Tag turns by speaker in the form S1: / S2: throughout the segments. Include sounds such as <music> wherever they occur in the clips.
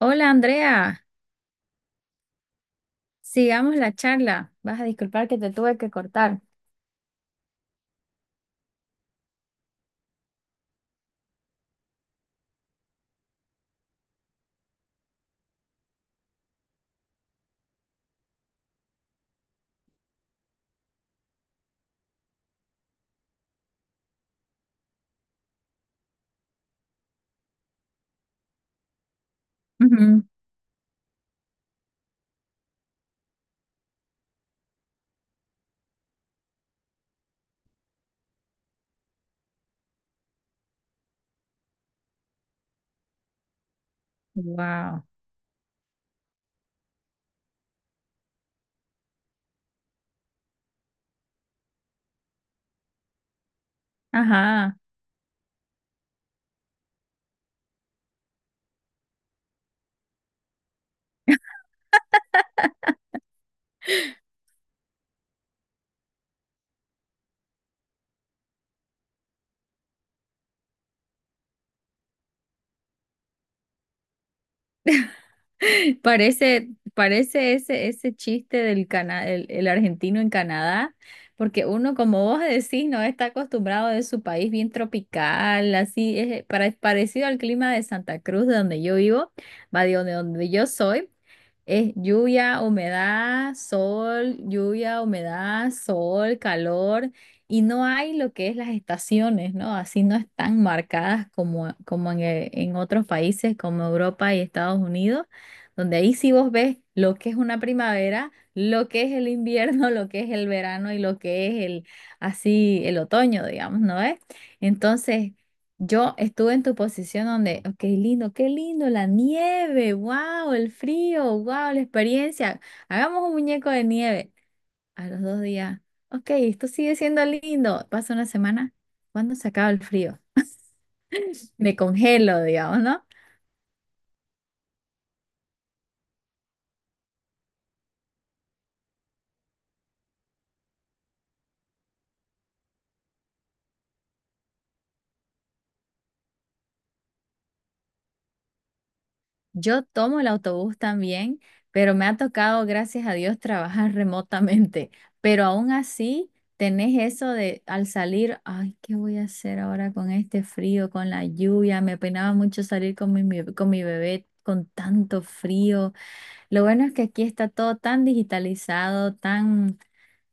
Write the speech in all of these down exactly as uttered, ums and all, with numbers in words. S1: Hola Andrea, sigamos la charla. Vas a disculpar que te tuve que cortar. Wow. Ajá. <laughs> Parece, parece ese, ese chiste del cana el, el argentino en Canadá, porque uno, como vos decís, no está acostumbrado de su país bien tropical, así es eh, pare- parecido al clima de Santa Cruz, de donde yo vivo, va de donde, donde yo soy. Es lluvia, humedad, sol, lluvia, humedad, sol, calor, y no hay lo que es las estaciones, ¿no? Así no están marcadas como, como en, eh, en otros países como Europa y Estados Unidos donde ahí sí vos ves lo que es una primavera, lo que es el invierno, <laughs> lo que es el verano y lo que es el así el otoño, digamos, ¿no es? Entonces, yo estuve en tu posición donde, oh, qué lindo, qué lindo la nieve, wow, el frío, wow, la experiencia. Hagamos un muñeco de nieve. A los dos días, ok, esto sigue siendo lindo. Pasa una semana, ¿cuándo se acaba el frío? Me congelo, digamos, ¿no? Yo tomo el autobús también, pero me ha tocado, gracias a Dios, trabajar <laughs> remotamente. Pero aún así, tenés eso de al salir, ay, ¿qué voy a hacer ahora con este frío, con la lluvia? Me penaba mucho salir con mi, mi- con mi bebé con tanto frío. Lo bueno es que aquí está todo tan digitalizado, tan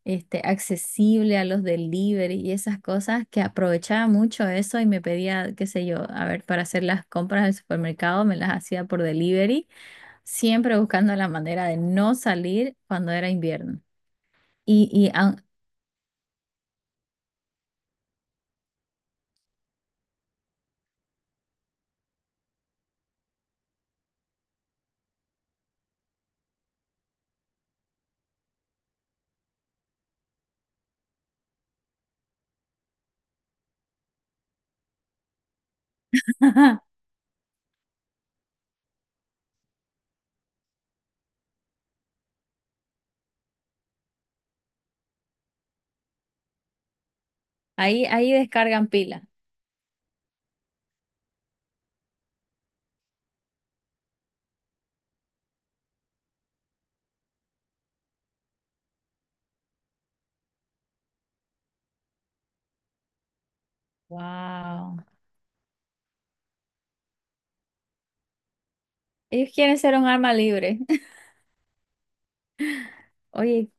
S1: este, accesible a los delivery y esas cosas, que aprovechaba mucho eso y me pedía, qué sé yo, a ver, para hacer las compras del supermercado, me las hacía por delivery, siempre buscando la manera de no salir cuando era invierno. Y, y aun- <laughs> ahí, ahí descargan pila. Wow. Ellos quieren ser un arma libre. <laughs> Oye,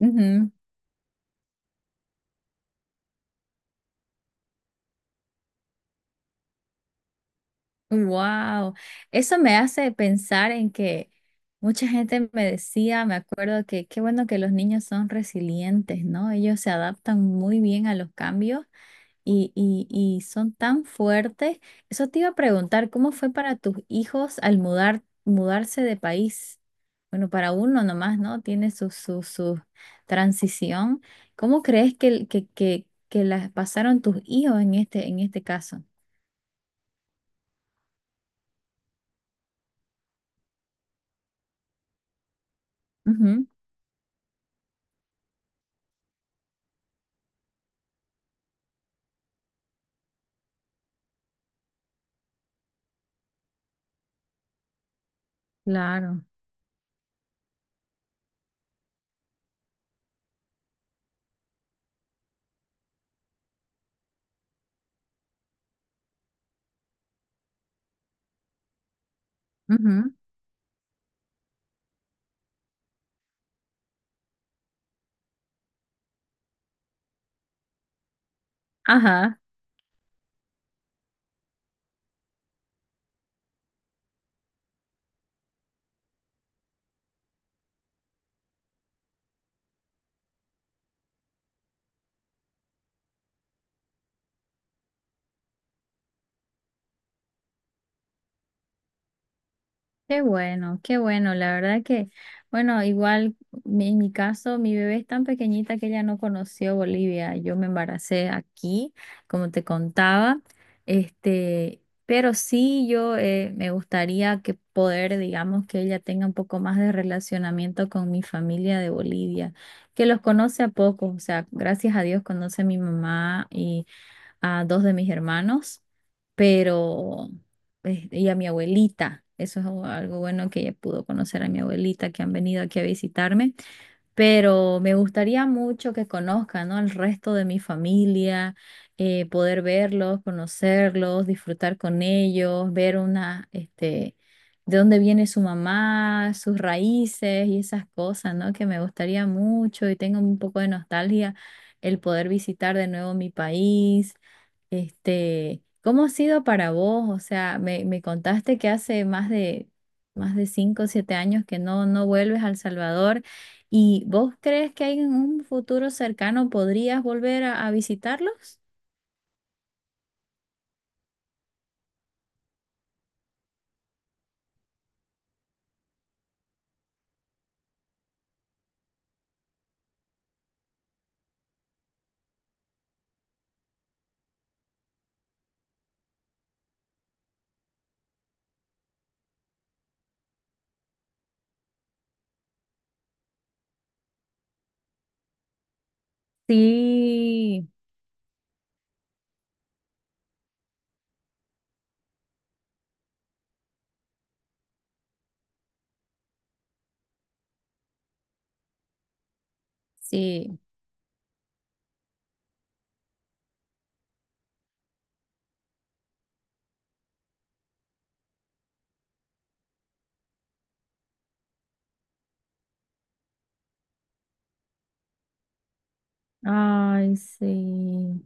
S1: ujú. Wow, eso me hace pensar en que mucha gente me decía, me acuerdo que qué bueno que los niños son resilientes, ¿no? Ellos se adaptan muy bien a los cambios y, y, y son tan fuertes. Eso te iba a preguntar, ¿cómo fue para tus hijos al mudar, mudarse de país? Bueno, para uno nomás, ¿no? Tiene su, su, su transición. ¿Cómo crees que, que, que, que las pasaron tus hijos en este, en este caso? Ujú, claro. Ujú. Ajá, qué bueno, qué bueno. La verdad que, bueno, igual mi- en mi caso, mi bebé es tan pequeñita que ella no conoció Bolivia. Yo me embaracé aquí, como te contaba. Este, pero sí, yo eh, me gustaría que poder, digamos, que ella tenga un poco más de relacionamiento con mi familia de Bolivia, que los conoce a poco. O sea, gracias a Dios conoce a mi mamá a dos de mis hermanos, pero eh, y a mi abuelita. Eso es algo algo bueno que ella pudo conocer a mi abuelita que han venido aquí a visitarme, pero me gustaría mucho que conozcan, ¿no? al resto de mi familia, eh, poder verlos, conocerlos, disfrutar con ellos, ver una, este, de dónde viene su mamá, sus raíces y esas cosas, ¿no? Que me gustaría mucho y tengo un poco de nostalgia el poder visitar de nuevo mi país este, ¿Cómo ha sido para vos? O sea, me, me contaste que hace más de más de cinco o siete años que no, no vuelves a El Salvador. ¿Y vos crees que hay en un futuro cercano podrías volver a, a visitarlos? Sí, sí. Ay, sí.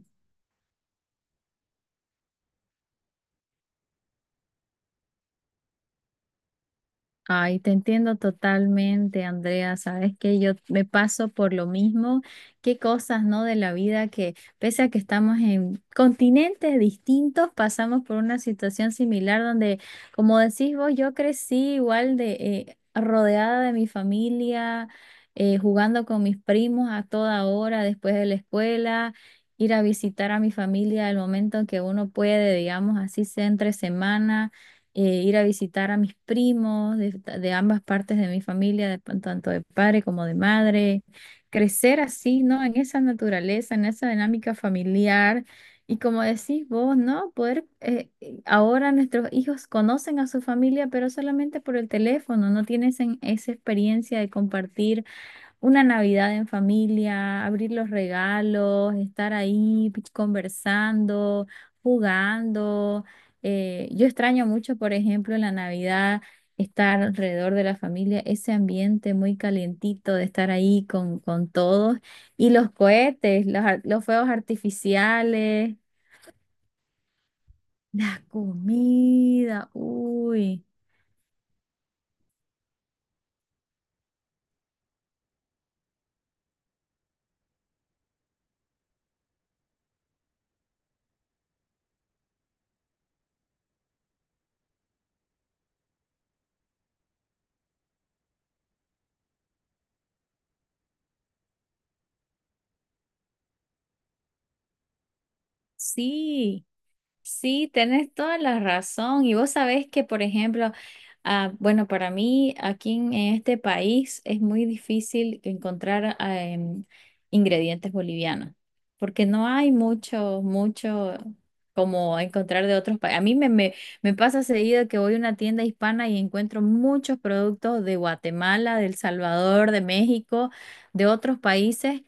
S1: Ay, te entiendo totalmente, Andrea. Sabes que yo me paso por lo mismo. Qué cosas, ¿no? De la vida que, pese a que estamos en continentes distintos, pasamos por una situación similar donde, como decís vos, yo crecí igual de eh, rodeada de mi familia, eh, jugando con mis primos a toda hora después de la escuela. Ir a visitar a mi familia al momento en que uno puede, digamos así, sea entre semana eh, ir a visitar a mis primos de, de ambas partes de mi familia, de tanto de padre como de madre, crecer así, ¿no? En esa naturaleza, en esa dinámica familiar. Y como decís vos, ¿no? Poder, eh, eh, ahora nuestros hijos conocen a su familia, pero solamente por el teléfono, no tienen esa experiencia de compartir una Navidad en familia, abrir los regalos, estar ahí pi- conversando, jugando. Eh, yo extraño mucho, por ejemplo, en la Navidad, estar alrededor de la familia, ese ambiente muy calientito de estar ahí con, con todos. Y los cohetes, los, ar- los fuegos artificiales, <laughs> la comida, uy. Sí, sí, tenés toda la razón. Y vos sabés que, por ejemplo, ah, bueno, para mí aquí en este país es muy difícil encontrar ah, em, ingredientes bolivianos, porque no hay mucho, mucho como encontrar de otros países. A mí me, me, me pasa seguido que voy a una tienda hispana y encuentro muchos productos de Guatemala, de El Salvador, de México, de otros países,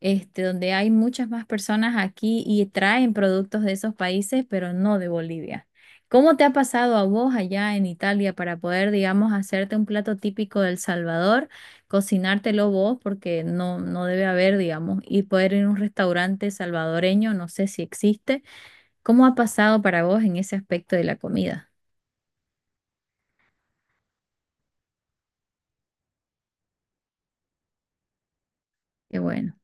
S1: este, donde hay muchas más personas aquí y traen productos de esos países, pero no de Bolivia. ¿Cómo te ha pasado a vos allá en Italia para poder, digamos, hacerte un plato típico del Salvador, cocinártelo vos, porque no, no debe haber, digamos, y poder ir a un restaurante salvadoreño, no sé si existe? ¿Cómo ha pasado para vos en ese aspecto de la comida? Qué bueno.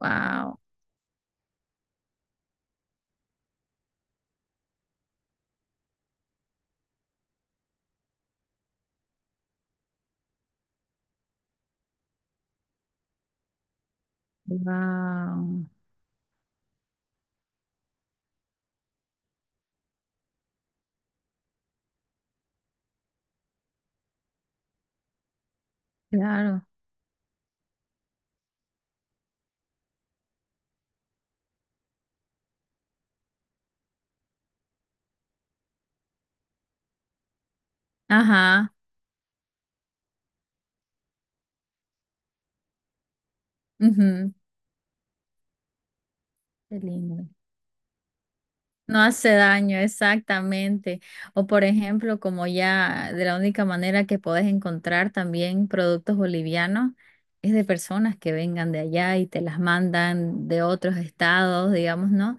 S1: Wow, wow, claro. Ajá, ujú. Qué lindo. No hace daño, exactamente. O por ejemplo, como ya de la única manera que podés encontrar también productos bolivianos es de personas que vengan de allá y te las mandan de otros estados, digamos, ¿no?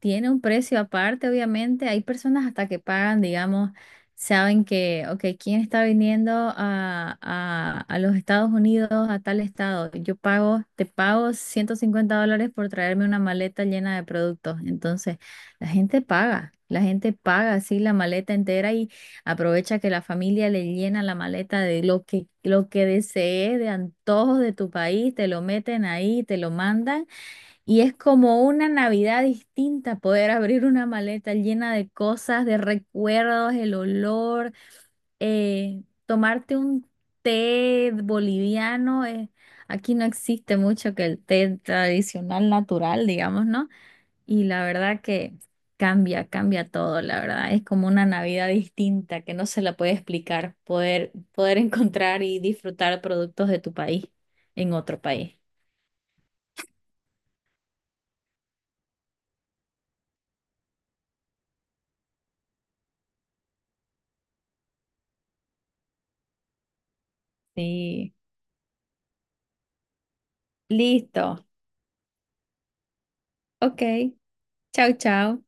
S1: Tiene un precio aparte, obviamente. Hay personas hasta que pagan, digamos, saben que, ok, ¿quién está viniendo a, a, a los Estados Unidos, a tal estado? Yo pago, te pago ciento cincuenta dólares por traerme una maleta llena de productos. Entonces, la gente paga, la gente paga así la maleta entera y aprovecha que la familia le llena la maleta de lo que, lo que desee, de antojos de tu país, te lo meten ahí, te lo mandan. Y es como una Navidad distinta poder abrir una maleta llena de cosas, de recuerdos, el olor, eh, tomarte un té boliviano. eh, aquí no existe mucho que el té tradicional natural, digamos, ¿no? Y la verdad que cambia, cambia todo, la verdad. Es como una Navidad distinta que no se la puede explicar, poder, poder <laughs> encontrar y disfrutar productos de tu país en otro país. Sí, listo. Ok, chao, chao.